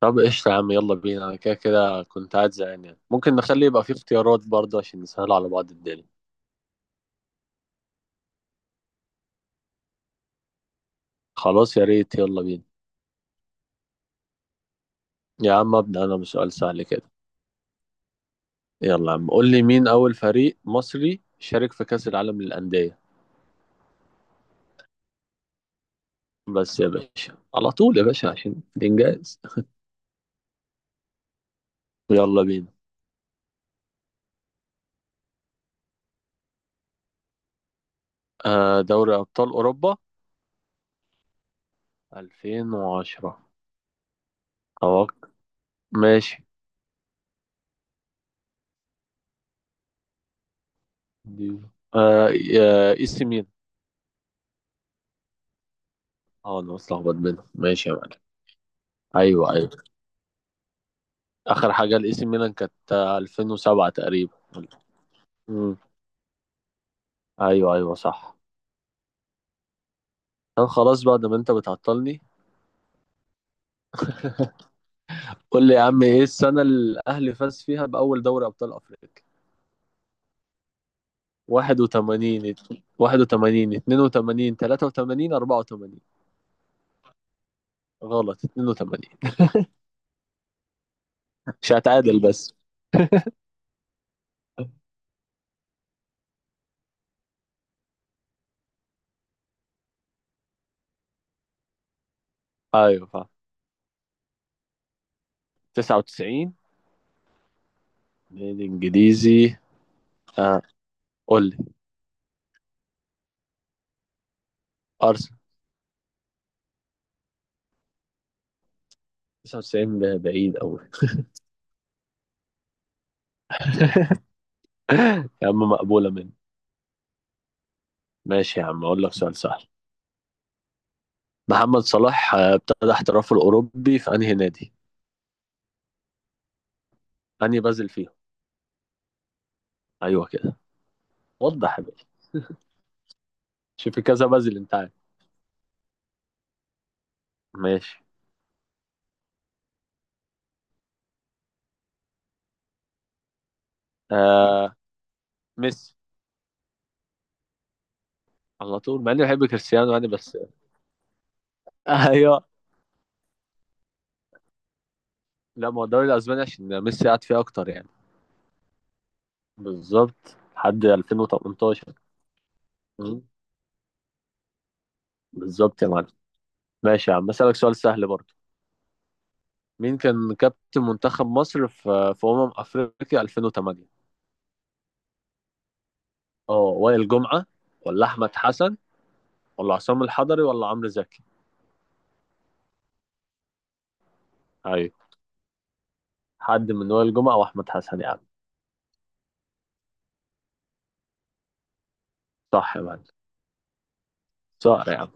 طب قشطة يا عم، يلا بينا. أنا كده كده كنت قاعد زهقان، يعني ممكن نخلي يبقى فيه اختيارات برضه عشان نسهل على بعض الدنيا. خلاص، يا ريت، يلا بينا. يا عم أبدأ أنا بسؤال سهل كده. يلا يا عم، قول لي مين أول فريق مصري شارك في كأس العالم للأندية؟ بس يا باشا، على طول يا باشا عشان الإنجاز. يلا بينا. آه، دوري أبطال أوروبا 2010. أتوقع. ماشي. دي- آه إي سي ميلان. اه أنا متلخبط بينهم. ماشي يا معلم. أيوه، أيوه. اخر حاجه لاي سي ميلان كانت، 2007 تقريبا. امم ايوه، ايوه، صح. كان خلاص بقى ده، ما انت بتعطلني. قول لي يا عم، ايه السنه اللي الاهلي فاز فيها باول دوري ابطال افريقيا؟ 81، 81، 82، 83، 84. غلط، 82. مش هتعادل بس. ايوه، فاهم. 99. نادي انجليزي. آه. قول لي. ارسنال. 99 بعيد قوي. يا عم، مقبوله مني. ماشي يا عم، اقول لك سؤال سهل. محمد صلاح ابتدى احترافه الأوروبي في أنهي نادي؟ أنهي بازل فيهم؟ أيوه كده. وضح يا باشا. شوف، في كذا بازل أنت عارف. ماشي. آه، ميسي. على طول، مع إني بحب كريستيانو يعني بس. أيوه. لا، ما هو الدوري الأسباني عشان ميسي قعد فيه أكتر يعني. بالظبط لحد 2018. مم. بالظبط يا معلم. ماشي يا عم، أسألك سؤال سهل برضه. مين كان كابتن منتخب مصر في أمم أفريقيا 2008؟ اه وائل جمعة. ولا أحمد حسن ولا عصام الحضري ولا عمرو زكي؟ ايوه، حد من وائل جمعة واحمد حسن يا عم. صح يا معلم. صقر يا عم.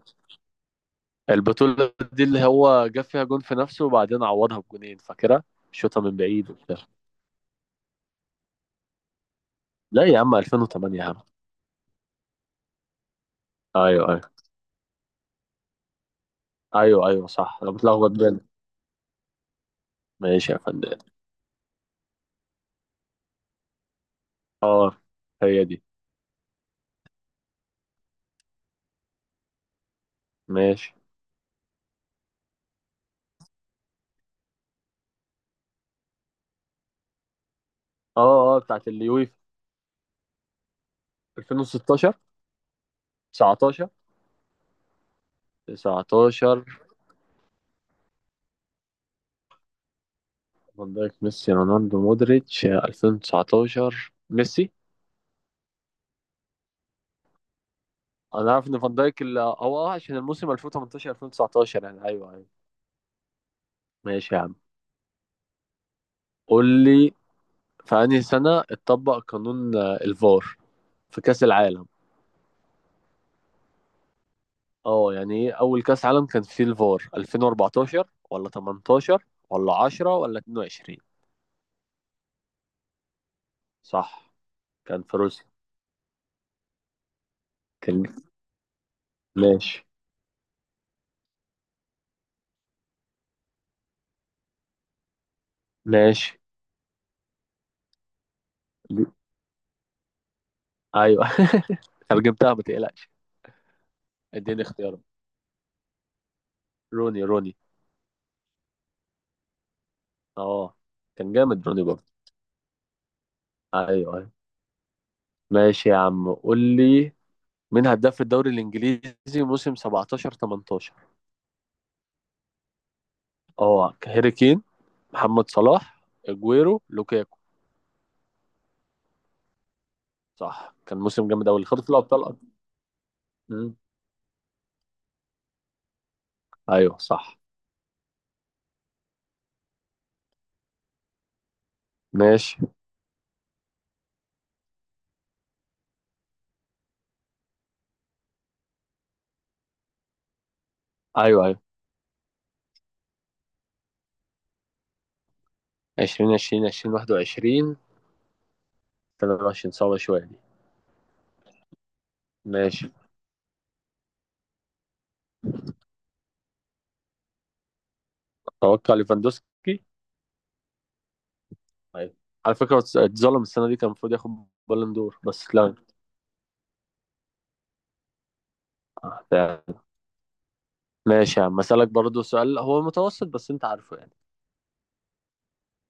البطولة دي اللي هو جاب فيها جون في نفسه وبعدين عوضها بجونين، فاكرها؟ شوطة من بعيد وبتاع. لا يا عم، 2008 يا عم. ايوه، ايوه. ايوه، ايوه، صح، انا بتلخبط بين. ماشي يا فندم. اه، هي دي. ماشي. اه، اه، بتاعت اليويفا. 2016. 19. 19. فان دايك، ميسي، رونالدو، مودريتش، 2019، ميسي. انا عارف ان فان دايك هو عشان الموسم 2018 2019 يعني. ايوه، ايوه. ماشي يا عم. قول لي، في انهي سنه اتطبق قانون الفار؟ في كاس العالم. اه يعني ايه اول كاس عالم كان فيه الفار؟ 2014 ولا 18 ولا 10 ولا 22؟ صح. كان في روسيا. كان. ماشي، ماشي. دي- ايوه. ترجمتها ما تقلقش. اديني اختيارات. روني، روني. اه، كان جامد روني برضه. ايوه. أيوة. ماشي يا عم، قول لي مين هداف في الدوري الانجليزي موسم 17 18؟ اه هاري كين، محمد صلاح، اجويرو، لوكاكو. صح، كان موسم جامد قوي اللي خد في الابطال أصلاً. مم. ايوه، صح. ماشي. ايوه، ايوه. 20 20 20 21. 23، صعبه شويه دي. ماشي. اتوقع ليفاندوسكي. ايوه. على فكره، اتظلم السنه دي كان المفروض ياخد. بالون دور بس اتلغى. آه، تمام. ماشي يا عم، اسالك برضه سؤال هو متوسط بس انت عارفه يعني.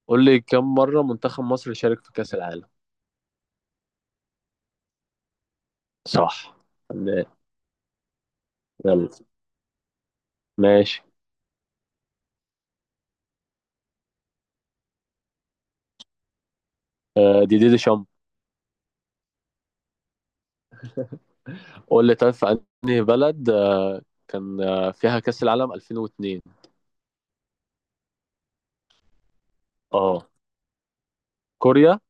قول لي، كم مره منتخب مصر شارك في كاس العالم؟ صح. فنان. يلا. ماشي. آه، دي دي دي شامب. قول لي، طيب، في انهي بلد كان فيها كأس العالم 2002؟ اه كوريا.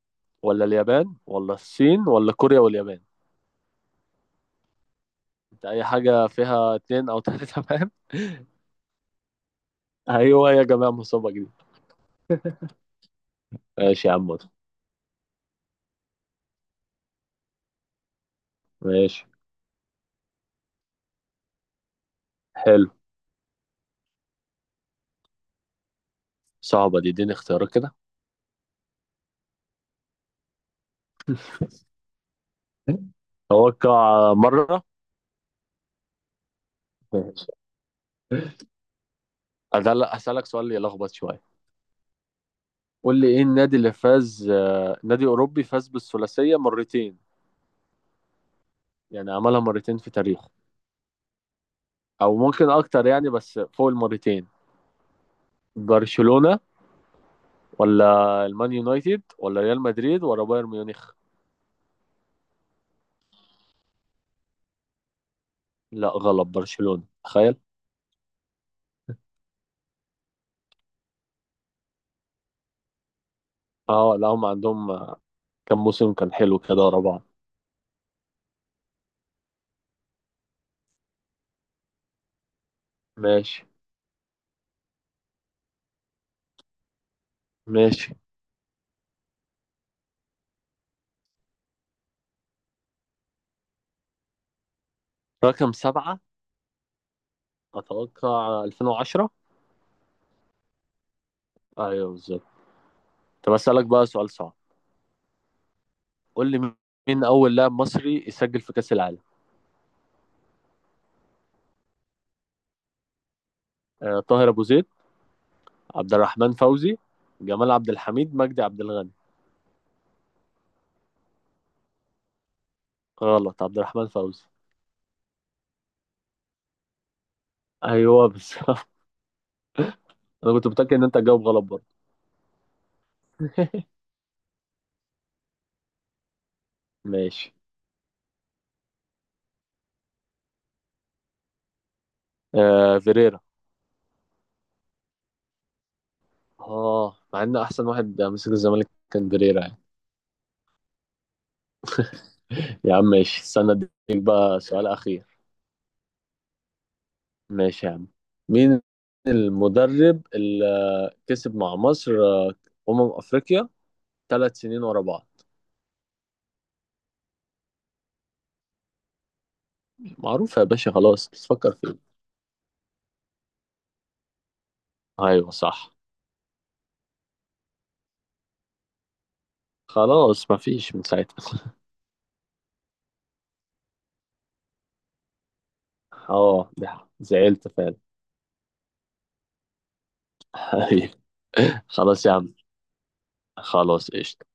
ولا اليابان ولا الصين ولا كوريا واليابان؟ انت اي حاجة فيها اتنين او تلاتة تمام. ايوه يا جماعة، مصابة جديدة. ماشي يا عم. ماشي. حلو. صعبة دي، اديني اختيارات كده. توقع مرة. ماشي. أسألك سؤال يلخبط شوية. قول لي، إيه النادي اللي فاز نادي أوروبي فاز بالثلاثية مرتين؟ يعني عملها مرتين في تاريخه. او ممكن اكتر يعني، بس فوق المرتين. برشلونة ولا المان يونايتد ولا ريال مدريد ولا بايرن ميونخ؟ لا غلط، برشلونة، تخيل. اه، لا هم عندهم. كم موسم كان حلو كده ورا بعض. ماشي، ماشي. رقم 7. اتوقع 2010. ايوه بالظبط. طب اسالك بقى سؤال صعب. قول لي، مين اول لاعب مصري يسجل في كاس العالم؟ طاهر ابو زيد. عبد الرحمن فوزي. جمال عبد الحميد، مجدي عبد الغني. غلط، عبد الرحمن فوزي. ايوه بالظبط. انا كنت متاكد ان انت هتجاوب غلط برضه. ماشي. فيريرا. اه، مع ان احسن واحد مسك الزمالك كان فيريرا يعني. يا عم ماشي، استنى اديك بقى سؤال اخير. ماشي يا عم. مين المدرب اللي كسب مع مصر افريقيا 3 سنين ورا بعض؟ معروف يا باشا، خلاص بس فكر فيه. ايوه، صح. خلاص، مفيش من ساعتها. اه، ده زعلت فعلا. أيوة. خلاص يا عم. خلاص قشطة.